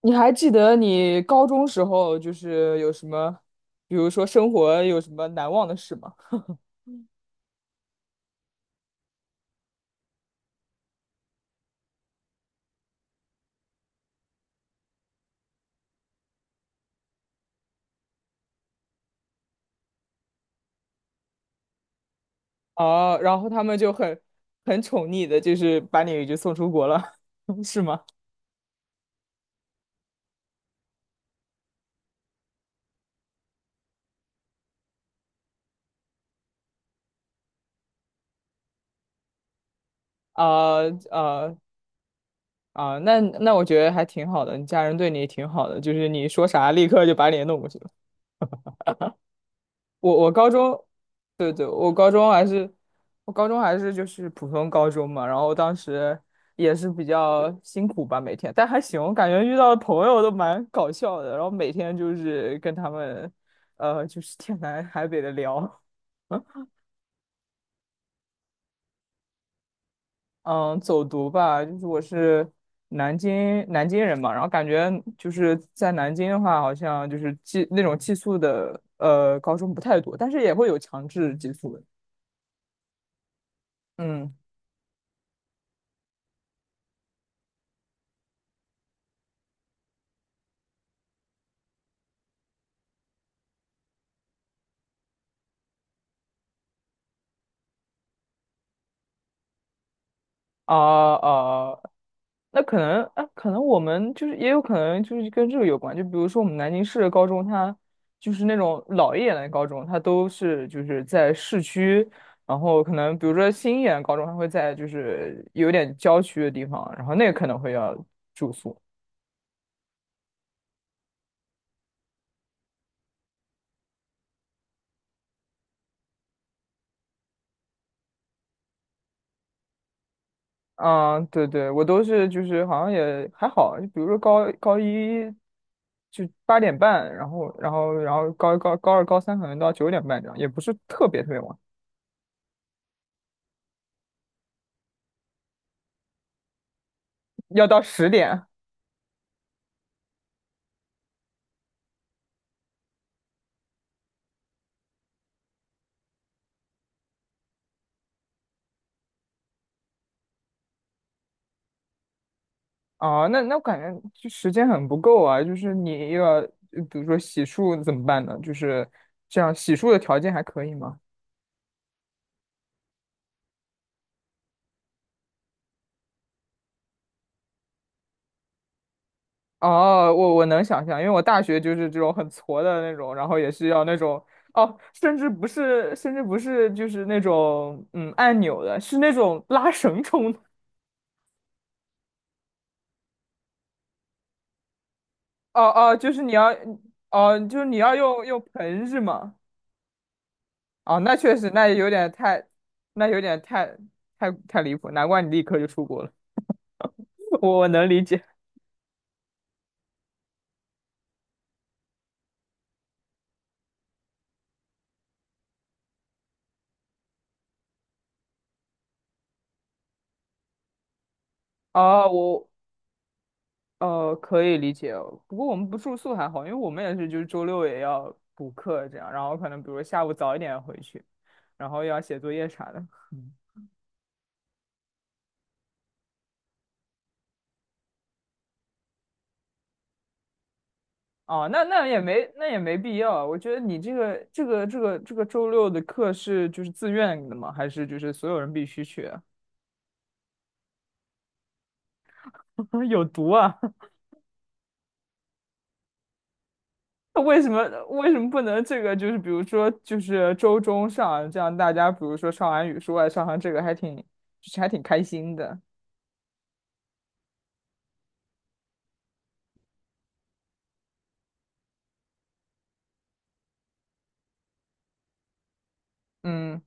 你还记得你高中时候就是有什么，比如说生活有什么难忘的事吗？哦，然后他们就很宠溺的，就是把你就送出国了，是吗？啊啊啊！那我觉得还挺好的，你家人对你挺好的，就是你说啥立刻就把你弄过去了。我高中。对对，我高中还是，我高中还是就是普通高中嘛，然后当时也是比较辛苦吧，每天，但还行，我感觉遇到的朋友都蛮搞笑的，然后每天就是跟他们，就是天南海北的聊，嗯，走读吧，就是我是南京人嘛，然后感觉就是在南京的话，好像就是那种寄宿的，高中不太多，但是也会有强制寄宿的，嗯。啊啊。那可能啊，可能我们就是也有可能就是跟这个有关，就比如说我们南京市的高中，它就是那种老一点的高中，它都是就是在市区，然后可能比如说新一点的高中，它会在就是有点郊区的地方，然后那个可能会要住宿。嗯，对对，我都是就是好像也还好，就比如说高高一就8点半，然后高二高三可能到9点半这样，也不是特别特别晚，要到10点。哦，那我感觉就时间很不够啊，就是你又要，比如说洗漱怎么办呢？就是这样，洗漱的条件还可以吗？哦，我能想象，因为我大学就是这种很挫的那种，然后也是要那种，哦，甚至不是，甚至不是就是那种按钮的，是那种拉绳冲的。哦哦，就是你要，哦，就是你要用用盆是吗？哦，那确实，那有点太，那有点太离谱，难怪你立刻就出国了，我能理解。啊，我可以理解哦，不过我们不住宿还好，因为我们也是就是周六也要补课这样，然后可能比如下午早一点回去，然后又要写作业啥的。嗯哦 那也没必要，我觉得你这个周六的课是就是自愿的吗？还是就是所有人必须去啊 有毒啊！为什么为什么不能这个就是比如说就是周中上，这样大家比如说上完语数外上完这个还挺开心的，嗯。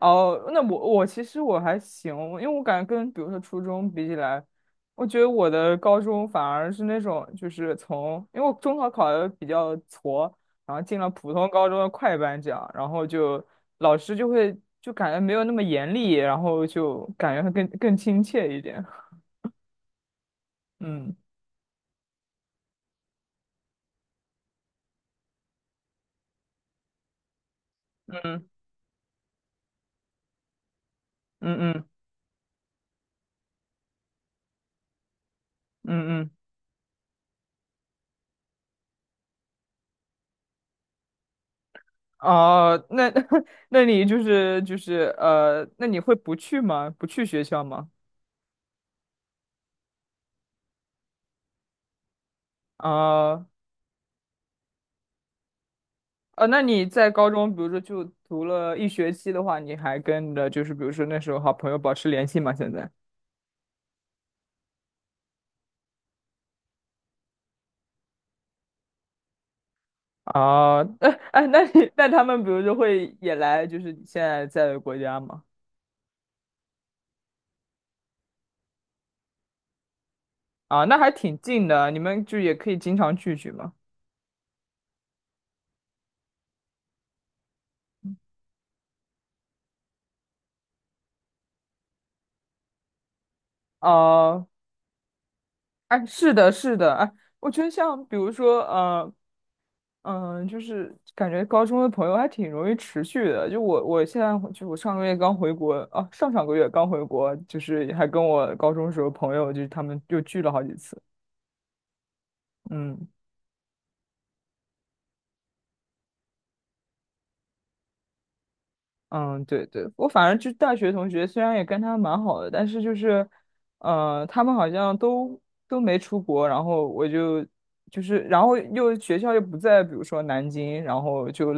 哦，那我其实我还行，因为我感觉跟比如说初中比起来，我觉得我的高中反而是那种就是从，因为我中考考的比较挫，然后进了普通高中的快班这样，然后就老师就会就感觉没有那么严厉，然后就感觉会更亲切一点。嗯嗯嗯嗯嗯嗯。哦，那 那你就是那你会不去吗？不去学校吗？啊、那你在高中，比如说就读了一学期的话，你还跟着就是比如说那时候好朋友保持联系吗？现在？啊，哎哎，那他们比如说会也来就是你现在在的国家吗？啊，那还挺近的，你们就也可以经常聚聚嘛。啊，哎，是的，是的，哎，我觉得像比如说，就是感觉高中的朋友还挺容易持续的。就我现在就我上个月刚回国，啊，上上个月刚回国，就是还跟我高中时候朋友，就是他们又聚了好几次。嗯嗯，对对，我反正就大学同学，虽然也跟他蛮好的，但是就是，他们好像都没出国，然后我然后又学校又不在，比如说南京，然后就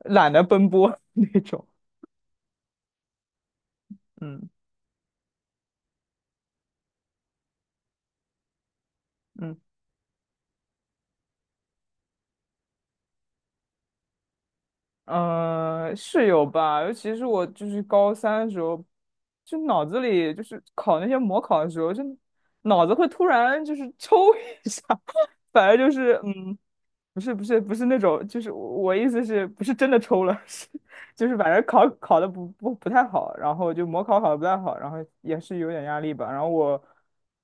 懒得奔波 那种。嗯嗯。嗯，是有吧，尤其是我就是高三的时候，就脑子里就是考那些模考的时候，就脑子会突然就是抽 一下，反正就是不是不是不是那种，就是我意思是不是真的抽了，是就是反正考的不太好，然后就模考考的不太好，然后也是有点压力吧，然后我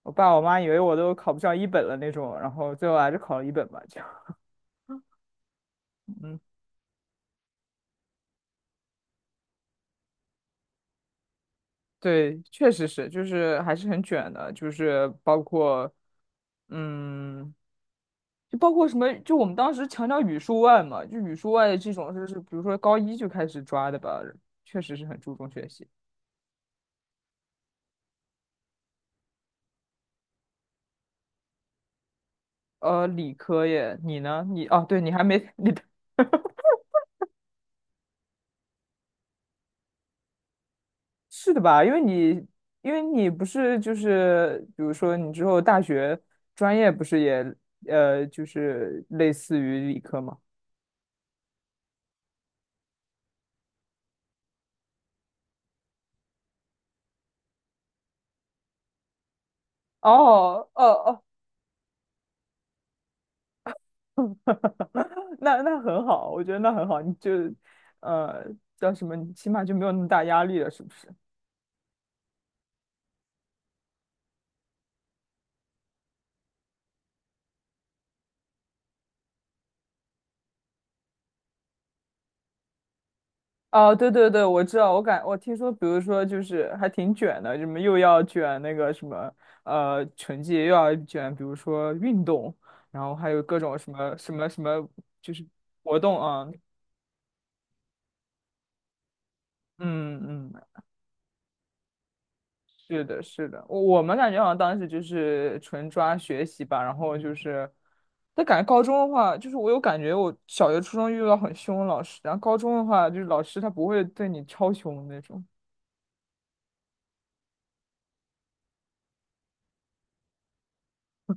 我爸我妈以为我都考不上一本了那种，然后最后还是考了一本吧，这样。嗯对，确实是，就是还是很卷的，就是包括，嗯，就包括什么，就我们当时强调语数外嘛，就语数外这种，就是比如说高一就开始抓的吧，确实是很注重学习。理科耶，你呢？哦，对，你还没，你的是的吧？因为你不是就是，比如说你之后大学专业不是也，就是类似于理科吗？哦，哦哦 那很好，我觉得那很好，你就呃叫什么，你起码就没有那么大压力了，是不是？哦，对对对，我知道，我听说，比如说就是还挺卷的，什么又要卷那个什么成绩，又要卷，比如说运动，然后还有各种什么什么什么，就是活动啊，嗯嗯，是的，是的，我们感觉好像当时就是纯抓学习吧，然后就是，但感觉高中的话，就是我有感觉，我小学、初中遇到很凶的老师，然后高中的话，就是老师他不会对你超凶的那种。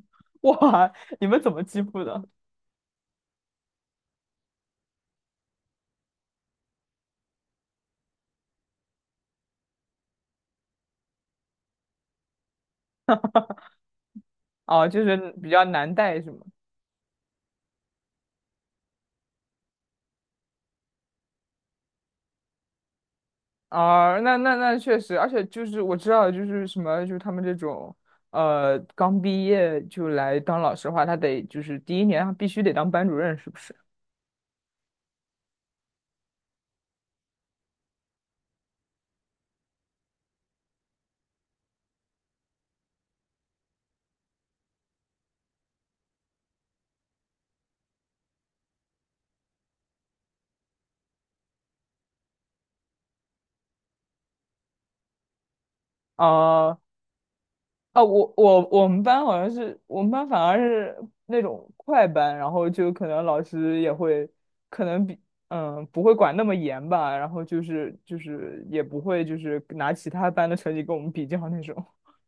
哇，你们怎么欺负的？啊，就是比较难带是吗？啊、那确实，而且就是我知道，就是什么，就是他们这种，刚毕业就来当老师的话，他得就是第一年他必须得当班主任，是不是？啊。啊，我们班好像是我们班反而是那种快班，然后就可能老师也会，可能不会管那么严吧，然后就是也不会就是拿其他班的成绩跟我们比较那种。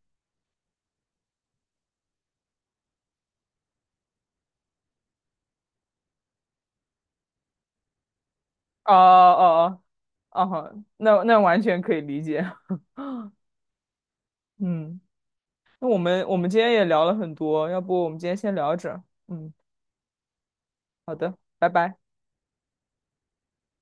哦哦哦，啊哈，那完全可以理解。嗯，那我们今天也聊了很多，要不我们今天先聊着。嗯，好的，拜拜。